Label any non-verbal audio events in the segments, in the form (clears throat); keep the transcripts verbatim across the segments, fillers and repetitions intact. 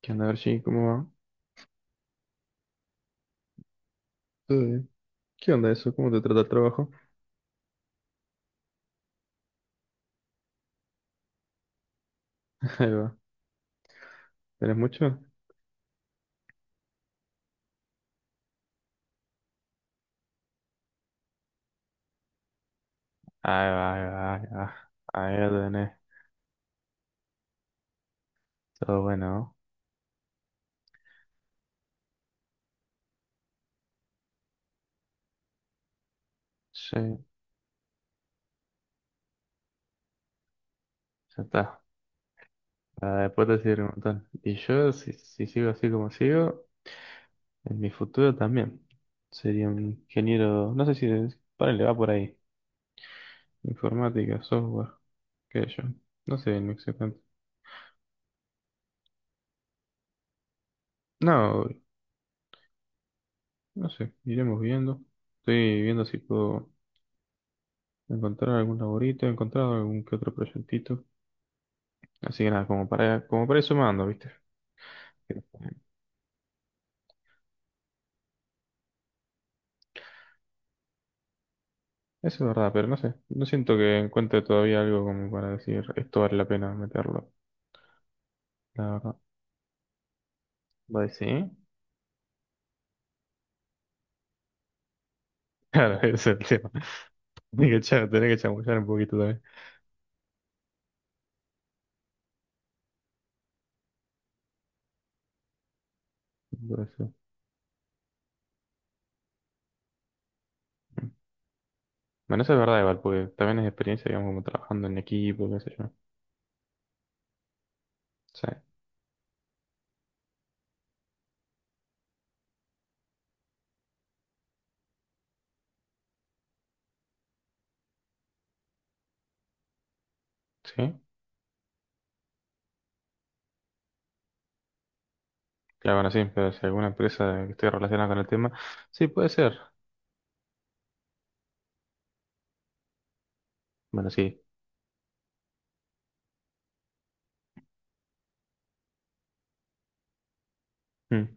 ¿Qué onda, Archie? ¿Cómo va? ¿Todo bien? ¿Qué onda eso? ¿Cómo te trata el trabajo? (laughs) Ahí va. ¿Tenés mucho? Ahí va, ahí va, ahí va. Ahí lo tenés. Todo bueno, ¿no? Sí, ya está. Para después decir un montón. Y yo, si, si sigo así como sigo, en mi futuro también. Sería un ingeniero, no sé si, es- ponele, va por ahí. Informática, software, qué sé yo. No sé, no exactamente. No, no sé, iremos viendo. Estoy viendo si puedo. Encontrar algún laborito, he encontrado algún que otro proyectito. Así que nada, como para, como para ir sumando, ¿viste? Eso es verdad, pero no sé. No siento que encuentre todavía algo como para decir esto vale la pena meterlo. La verdad. ¿Va a decir? Claro, (laughs) ese es el tema. Tenés que echar, tenés que chamullar un poquito también. Por eso. Bueno, eso es verdad igual, porque también es experiencia, digamos, como trabajando en equipo, qué sé yo. Sí. ¿Sí? Claro, bueno, sí, pero si alguna empresa que esté relacionada con el tema, sí, puede ser. Bueno, sí. Mm.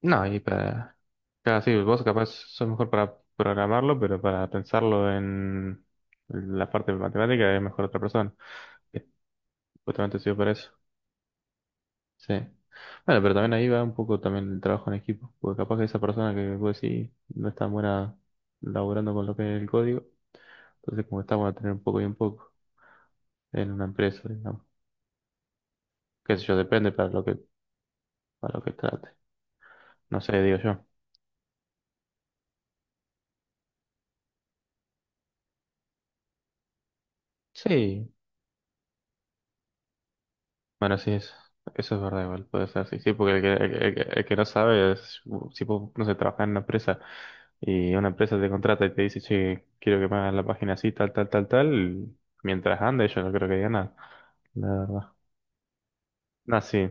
No, y para... Claro, sí, vos capaz sos mejor para programarlo, pero para pensarlo en la parte matemática es mejor otra persona. Que justamente sirve para eso. Sí. Bueno, pero también ahí va un poco también el trabajo en equipo, porque capaz que esa persona que vos decís no es tan buena laburando con lo que es el código, entonces como que está bueno tener un poco y un poco en una empresa, digamos. Qué sé yo, depende para lo que, para lo que trate. No sé, digo yo. Sí, bueno, sí, eso, eso es verdad, igual puede ser así. Sí, porque el que, el, que el que- el que no sabe es, si no sé, trabajar en una empresa y una empresa te contrata y te dice, che, quiero que me hagas la página así, tal, tal, tal, tal, mientras ande, yo no creo que diga nada, la verdad. No, sí,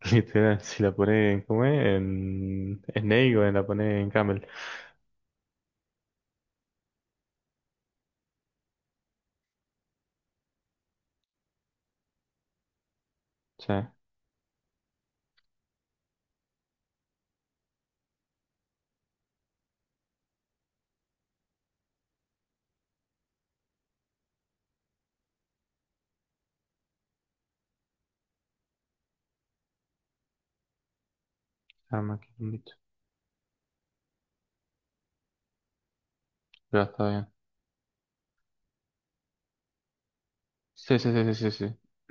(laughs) literal, si la pones en, ¿cómo es? En Snake o la pones en Camel. Sí, ya me quedé un bicho. Pero está bien. Sí, sí, sí, sí, sí.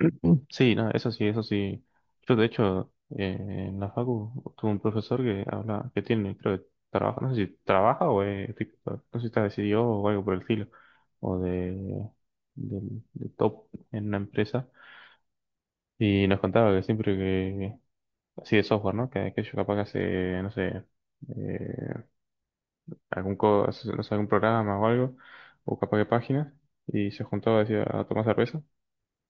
Sí, (clears throat) Sí, no, eso sí, eso sí. Yo, de hecho, eh, en la facu tuve un profesor que habla, que tiene, creo que trabaja, no sé si trabaja o es, tipo, no sé si está decidido o algo por el estilo, o de, de, de top en una empresa. Y nos contaba que siempre que, así de software, ¿no? Que, que capaz que hace, no sé, eh, algún, co- no sé, algún programa o algo, o capaz que páginas, y se juntaba, decía, a tomar cerveza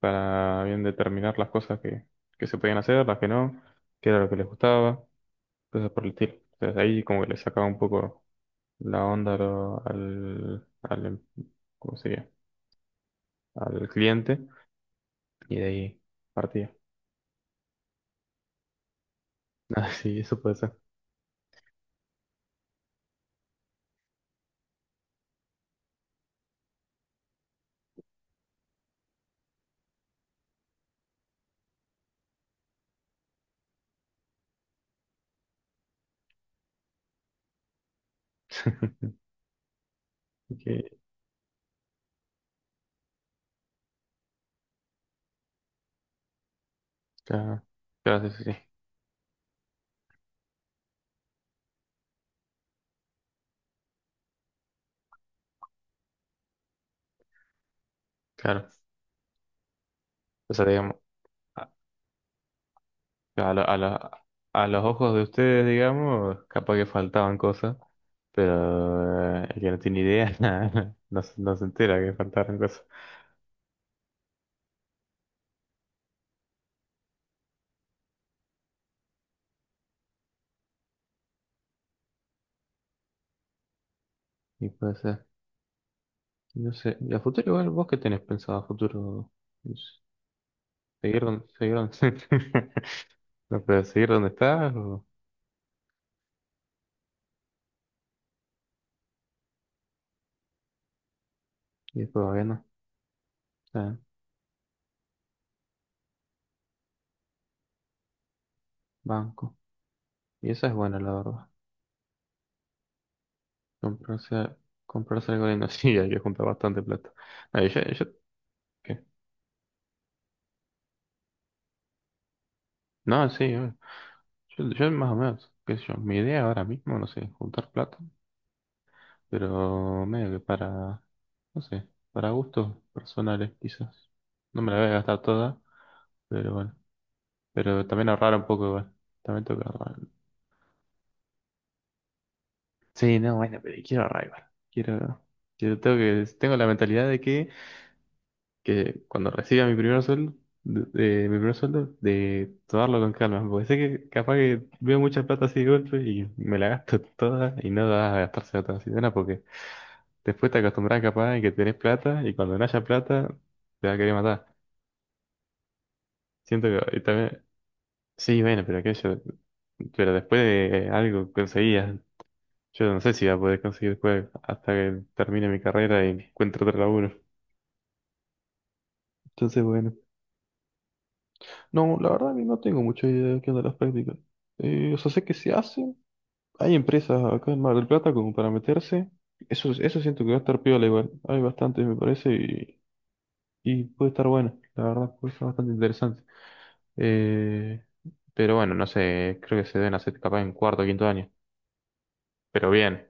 para bien determinar las cosas que, que se podían hacer, las que no, qué era lo que les gustaba, cosas por el estilo. Entonces ahí como que le sacaba un poco la onda a lo- al, al, em- ¿cómo sería? Al cliente y de ahí partía. (laughs) Ah, sí, eso puede ser. (laughs) Que, claro, claro, sí, sí, sí, claro. O sea, digamos, a, a lo- a lo- a los ojos de ustedes, digamos, capaz que faltaban cosas, pero eh, el que no tiene idea (laughs) no, se no se entera que faltaron. Y puede ser. No sé. ¿Y a futuro igual vos qué tenés pensado a futuro? No sé. ¿Seguir donde, seguir donde, (laughs) no, pero seguir donde estás o y después bueno, está, banco. Y esa es buena la verdad. Comprarse, comprarse algo lindo. (laughs) Sí, hay que juntar bastante plata. No, yo, yo- ¿qué? No, sí, yo, yo yo más o menos, qué sé yo, mi idea ahora mismo, no sé, juntar plata, pero medio que para, no sé, para gustos personales quizás. No me la voy a gastar toda, pero bueno. Pero también ahorrar un poco igual. También tengo que ahorrar. Sí, no, bueno, pero quiero ahorrar igual. Quiero, quiero, tengo que, tengo la mentalidad de que, que cuando reciba mi primer sueldo, de, de- mi primer sueldo, de tomarlo con calma. Porque sé que capaz que veo mucha plata así de golpe y me la gasto (laughs) toda y no da a gastarse toda así de una porque después te acostumbras capaz y que tenés plata y cuando no haya plata te va a querer matar. Siento que y también, sí, bueno, pero aquello, pero después de algo conseguías. Yo no sé si voy a poder conseguir juego hasta que termine mi carrera y encuentre otro laburo. Entonces, bueno. No, la verdad que no tengo mucha idea de qué onda las prácticas. Eh, o sea, sé que se hacen. Hay empresas acá en Mar del Plata como para meterse. Eso, eso siento que va a estar piola igual. Hay bastantes, me parece, y, y puede estar bueno. La verdad, puede estar bastante interesante. Eh, pero bueno, no sé, creo que se deben hacer capaz en cuarto o quinto año. Pero bien.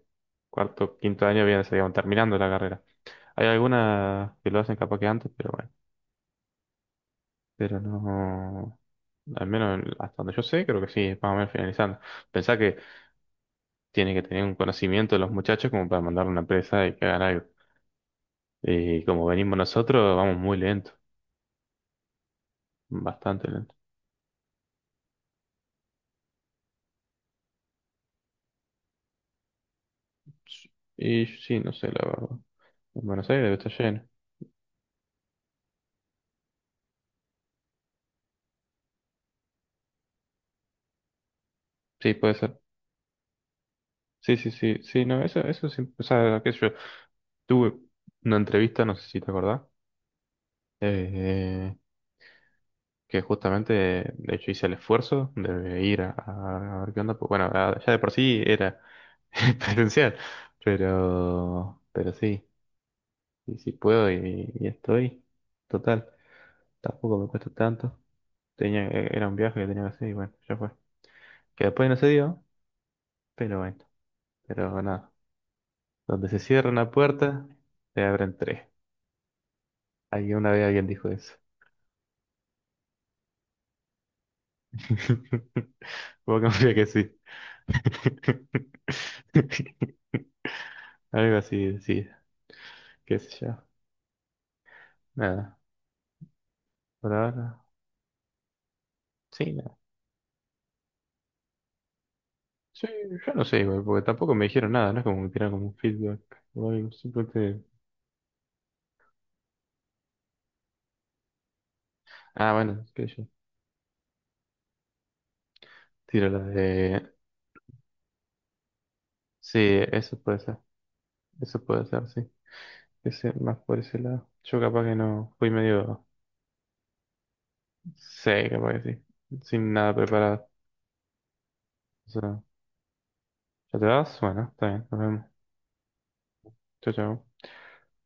Cuarto, quinto año bien, se digamos, terminando la carrera. Hay algunas que lo hacen capaz que antes, pero bueno. Pero no. Al menos en- hasta donde yo sé, creo que sí, es más o menos finalizando. Pensá que tiene que tener un conocimiento de los muchachos como para mandar a una empresa y que hagan algo. Y como venimos nosotros, vamos muy lento, bastante lento. Y sí, no sé, la verdad. En Buenos Aires debe estar lleno. Sí, puede ser. Sí, sí, sí, sí, no, eso, eso sí. O sea, qué sé yo. Tuve una entrevista, no sé si te acordás. Eh, que justamente, de hecho, hice el esfuerzo de ir a, a- a ver qué onda. Pues bueno, a- ya de por sí era (laughs) presencial, pero, pero sí, y si puedo y, y estoy, total, tampoco me cuesta tanto. Tenía, e, era un viaje que tenía que hacer y bueno, ya fue. Que después no se dio, pero bueno, pero nada. Donde se cierra una puerta, se abren tres. Alguien una vez alguien dijo eso. (laughs) Vos confía que sí. (laughs) Algo así, sí, qué sé yo. Nada, por ahora. Sí, nada. Sí, yo no sé igual, porque tampoco me dijeron nada, no es como que tiraron como un feedback o algo, simplemente... Ah, bueno, qué sé yo. Tiro la de... Sí, eso puede ser, eso puede ser, sí. Ese, más por ese lado. Yo capaz que no, fui medio... Sí, capaz que sí. Sin nada preparado. O sea, ¿ya te vas? Bueno, está bien, nos vemos. Chao, chao.